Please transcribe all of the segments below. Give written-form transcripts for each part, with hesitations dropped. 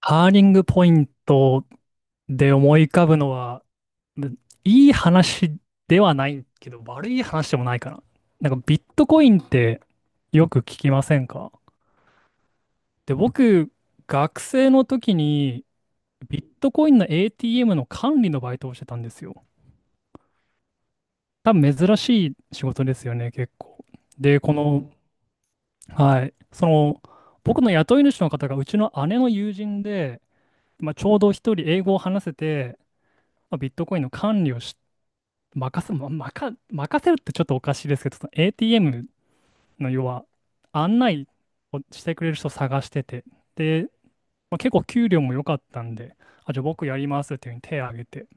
ハーニングポイントで思い浮かぶのは、むいい話ではないけど、悪い話でもないかな。なんかビットコインってよく聞きませんか？で、僕、学生の時にビットコインの ATM の管理のバイトをしてたんですよ。多分珍しい仕事ですよね、結構。で、この、はい、その、僕の雇い主の方がうちの姉の友人で、まあ、ちょうど一人英語を話せて、まあ、ビットコインの管理をし、任せるってちょっとおかしいですけど、その ATM の要は案内をしてくれる人を探してて、で、まあ、結構給料も良かったんで、あ、じゃあ僕やりますっていうふうに手を挙げて、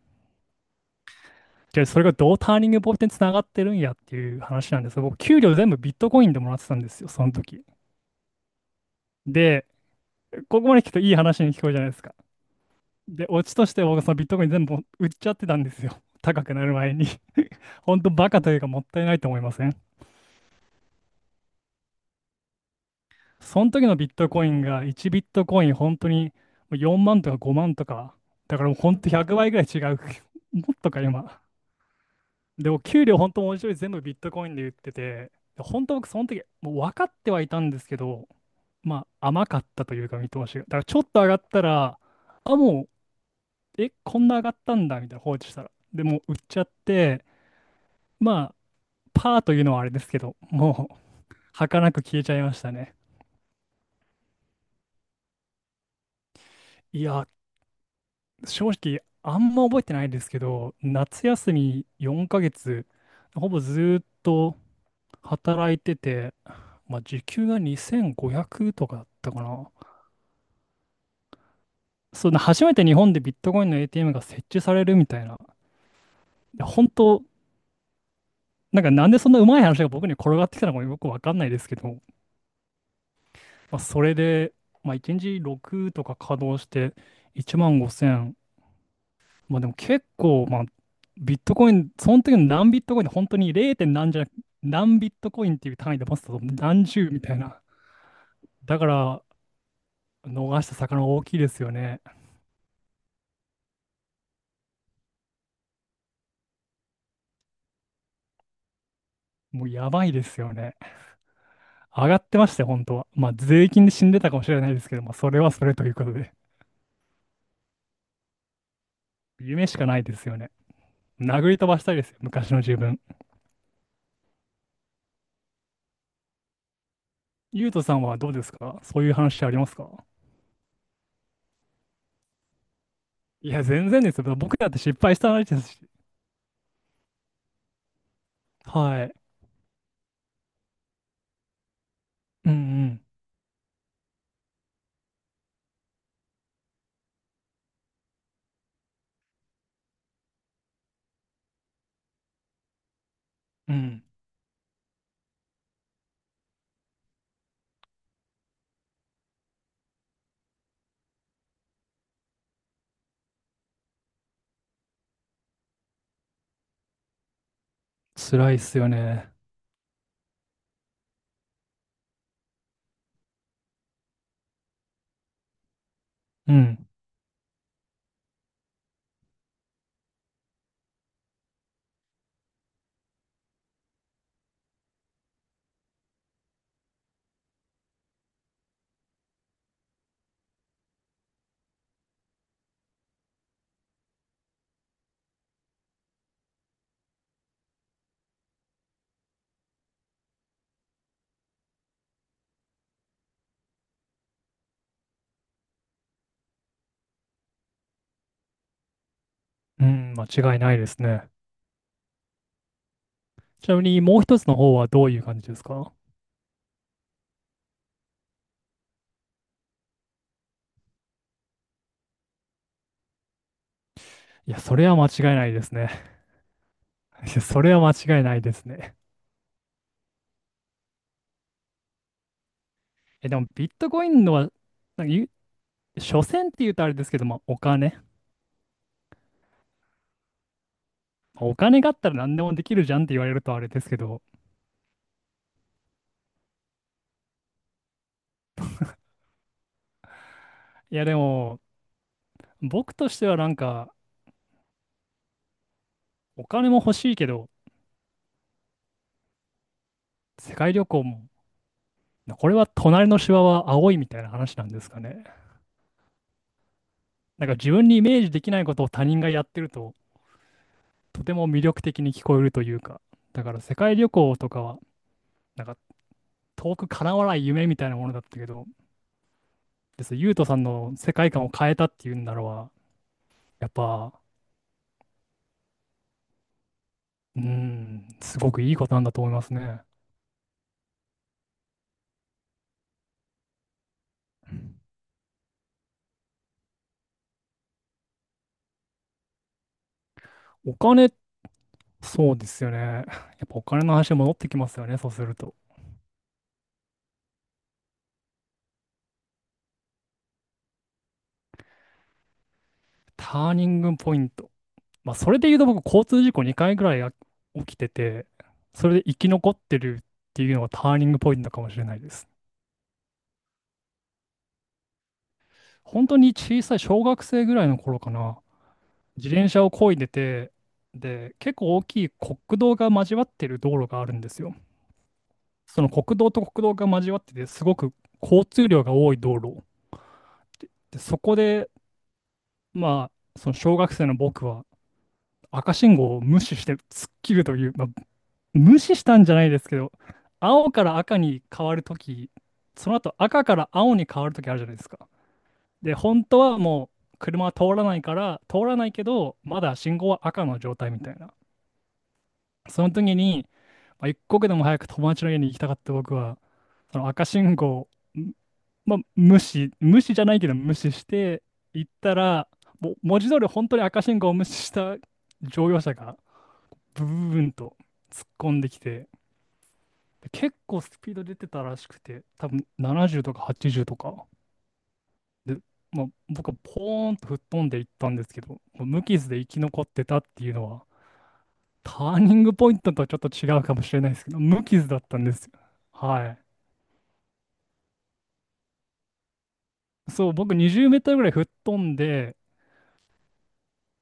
で、それがどうターニングポイントにつながってるんやっていう話なんですけど、僕、給料全部ビットコインでもらってたんですよ、その時。で、ここまで聞くといい話に聞こえるじゃないですか。で、オチとして僕、そのビットコイン全部売っちゃってたんですよ。高くなる前に。本当バカというかもったいないと思いません？その時のビットコインが1ビットコイン本当に4万とか5万とか、だからもう本当100倍ぐらい違う。もっとか今。でも給料本当文字通り全部ビットコインで言ってて、本当僕その時もう分かってはいたんですけど、まあ甘かったというか見通しが。だからちょっと上がったら、あ、もう、こんな上がったんだみたいな放置したら。でもう売っちゃって、まあパーというのはあれですけど、もう儚く消えちゃいましたね。いや、正直、あんま覚えてないですけど、夏休み4ヶ月、ほぼずーっと働いてて、まあ、時給が2,500とかだったかな。そう、初めて日本でビットコインの ATM が設置されるみたいな。いや本当、なんかなんでそんなうまい話が僕に転がってきたのかよくわかんないですけど、まあ、それで、まあ、1日6とか稼働して、1万。まあでも結構、まあ、ビットコイン、その時の何ビットコインで本当に 0. 点何じゃなく、何ビットコインっていう単位で持ってたと何十みたいな。だから、逃した魚大きいですよね。もうやばいですよね。上がってましたよ、本当は。まあ税金で死んでたかもしれないですけど、まあそれはそれということで。夢しかないですよね。殴り飛ばしたいですよ、昔の自分。ゆうとさんはどうですか？そういう話ありますか？いや、全然ですよ。僕だって失敗した話ですし。はい。うんうん。うん。辛いっすよね。うん。うん、間違いないですね。ちなみにもう一つの方はどういう感じですか？いや、それは間違いないですね。いや、それは間違いないですね。え、でもビットコインのは、なんか言う、所詮って言うとあれですけど、まあ、お金。まあお金があったら何でもできるじゃんって言われるとあれですけど、いや、でも、僕としてはなんか、お金も欲しいけど、世界旅行も、これは隣のシワは青いみたいな話なんですかね。なんか自分にイメージできないことを他人がやってると、とても魅力的に聞こえるというか、だから世界旅行とかは、なんか遠く叶わない夢みたいなものだったけど、ゆうとさんの世界観を変えたっていうんならば、やっぱ、すごくいいことなんだと思いますね。お金、そうですよね。やっぱお金の話に戻ってきますよね、そうすると。ターニングポイント。まあ、それで言うと僕、交通事故2回ぐらい起きてて、それで生き残ってるっていうのがターニングポイントかもしれないです。本当に小さい小学生ぐらいの頃かな。自転車を漕いでて、で、結構大きい国道が交わってる道路があるんですよ。その国道と国道が交わってて、すごく交通量が多い道路。でそこで、まあ、その小学生の僕は赤信号を無視して突っ切るという、まあ、無視したんじゃないですけど、青から赤に変わるとき、その後赤から青に変わるときあるじゃないですか。で、本当はもう車は通らないから、通らないけど、まだ信号は赤の状態みたいな。その時に、まあ、一刻でも早く友達の家に行きたかった僕は、その赤信号を、んまあ、無視、無視じゃないけど無視して行ったら、もう文字通り本当に赤信号を無視した乗用車がブブブンと突っ込んできて、で結構スピード出てたらしくて、多分70とか80とか。で、まあ、僕はポーンと吹っ飛んでいったんですけど、もう無傷で生き残ってたっていうのは、ターニングポイントとはちょっと違うかもしれないですけど、無傷だったんですよ。はい。そう、僕20メートルぐらい吹っ飛んで、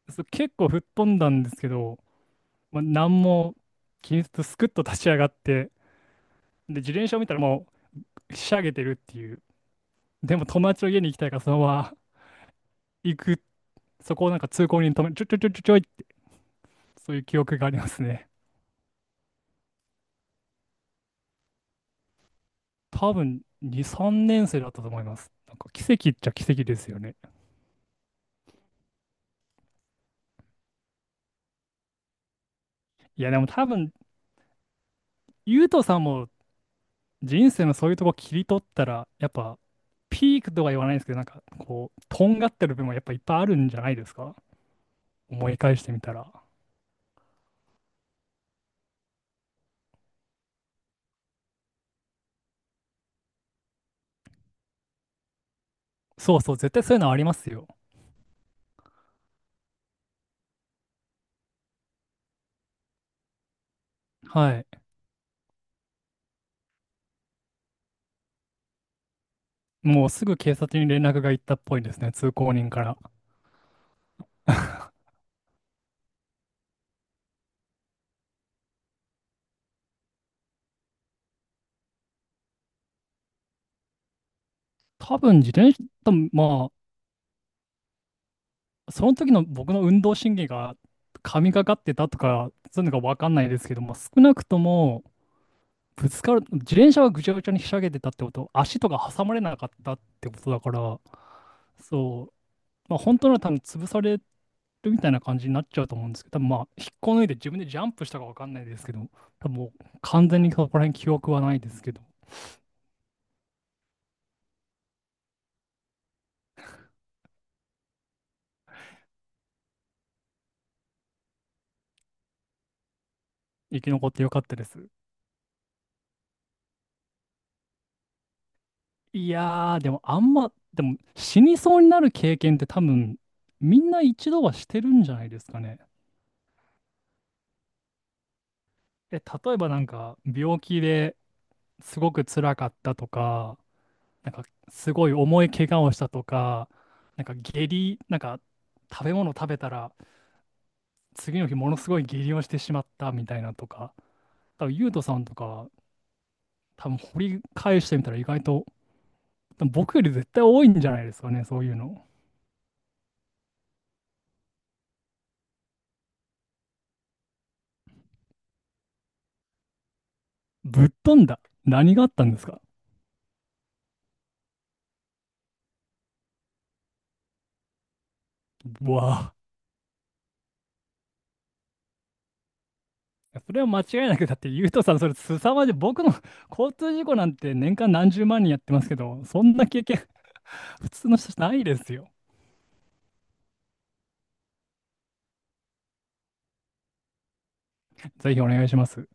そう結構吹っ飛んだんですけど、まあ、何も気にせずスクッと立ち上がって、で、自転車を見たらもうひしゃげてるっていう。でも友達の家に行きたいからそのまま 行く、そこをなんか通行人に止め、ちょちょちょちょちょいって、そういう記憶がありますね。多分2、3年生だったと思います。なんか奇跡っちゃ奇跡ですよね。いや、でも多分、ゆうとさんも人生のそういうとこ切り取ったら、やっぱ、ピークとは言わないですけど、なんか、こう、とんがってる部分はやっぱいっぱいあるんじゃないですか？思い返してみたら。そうそう、絶対そういうのはありますよ。はい。もうすぐ警察に連絡が行ったっぽいですね、通行人から。多分自転車、多分まあ、その時の僕の運動神経が神がかってたとか、そういうのが分かんないですけども、少なくとも、ぶつかる、自転車はぐちゃぐちゃにひしゃげてたってこと、足とか挟まれなかったってことだから、そうまあ、本当なら多分潰されるみたいな感じになっちゃうと思うんですけど、多分まあ、引っこ抜いて自分でジャンプしたかわかんないですけど、多分もう完全にそこら辺記憶はないですけど、生き残ってよかったです。いやー、でもあんま、でも死にそうになる経験って多分、みんな一度はしてるんじゃないですかね。え、例えばなんか、病気ですごく辛かったとか、なんか、すごい重い怪我をしたとか、なんか下痢、なんか、食べ物食べたら、次の日ものすごい下痢をしてしまったみたいなとか、多分ゆうとさんとか、多分掘り返してみたら意外と、多分僕より絶対多いんじゃないですかね、そういうの。ぶっ飛んだ。何があったんですか？うわぁ。それは間違いなく、だってゆうとさん、それ凄まじい。僕の 交通事故なんて年間何十万人やってますけど、そんな経験、普通の人じゃないですよ。ぜひお願いします。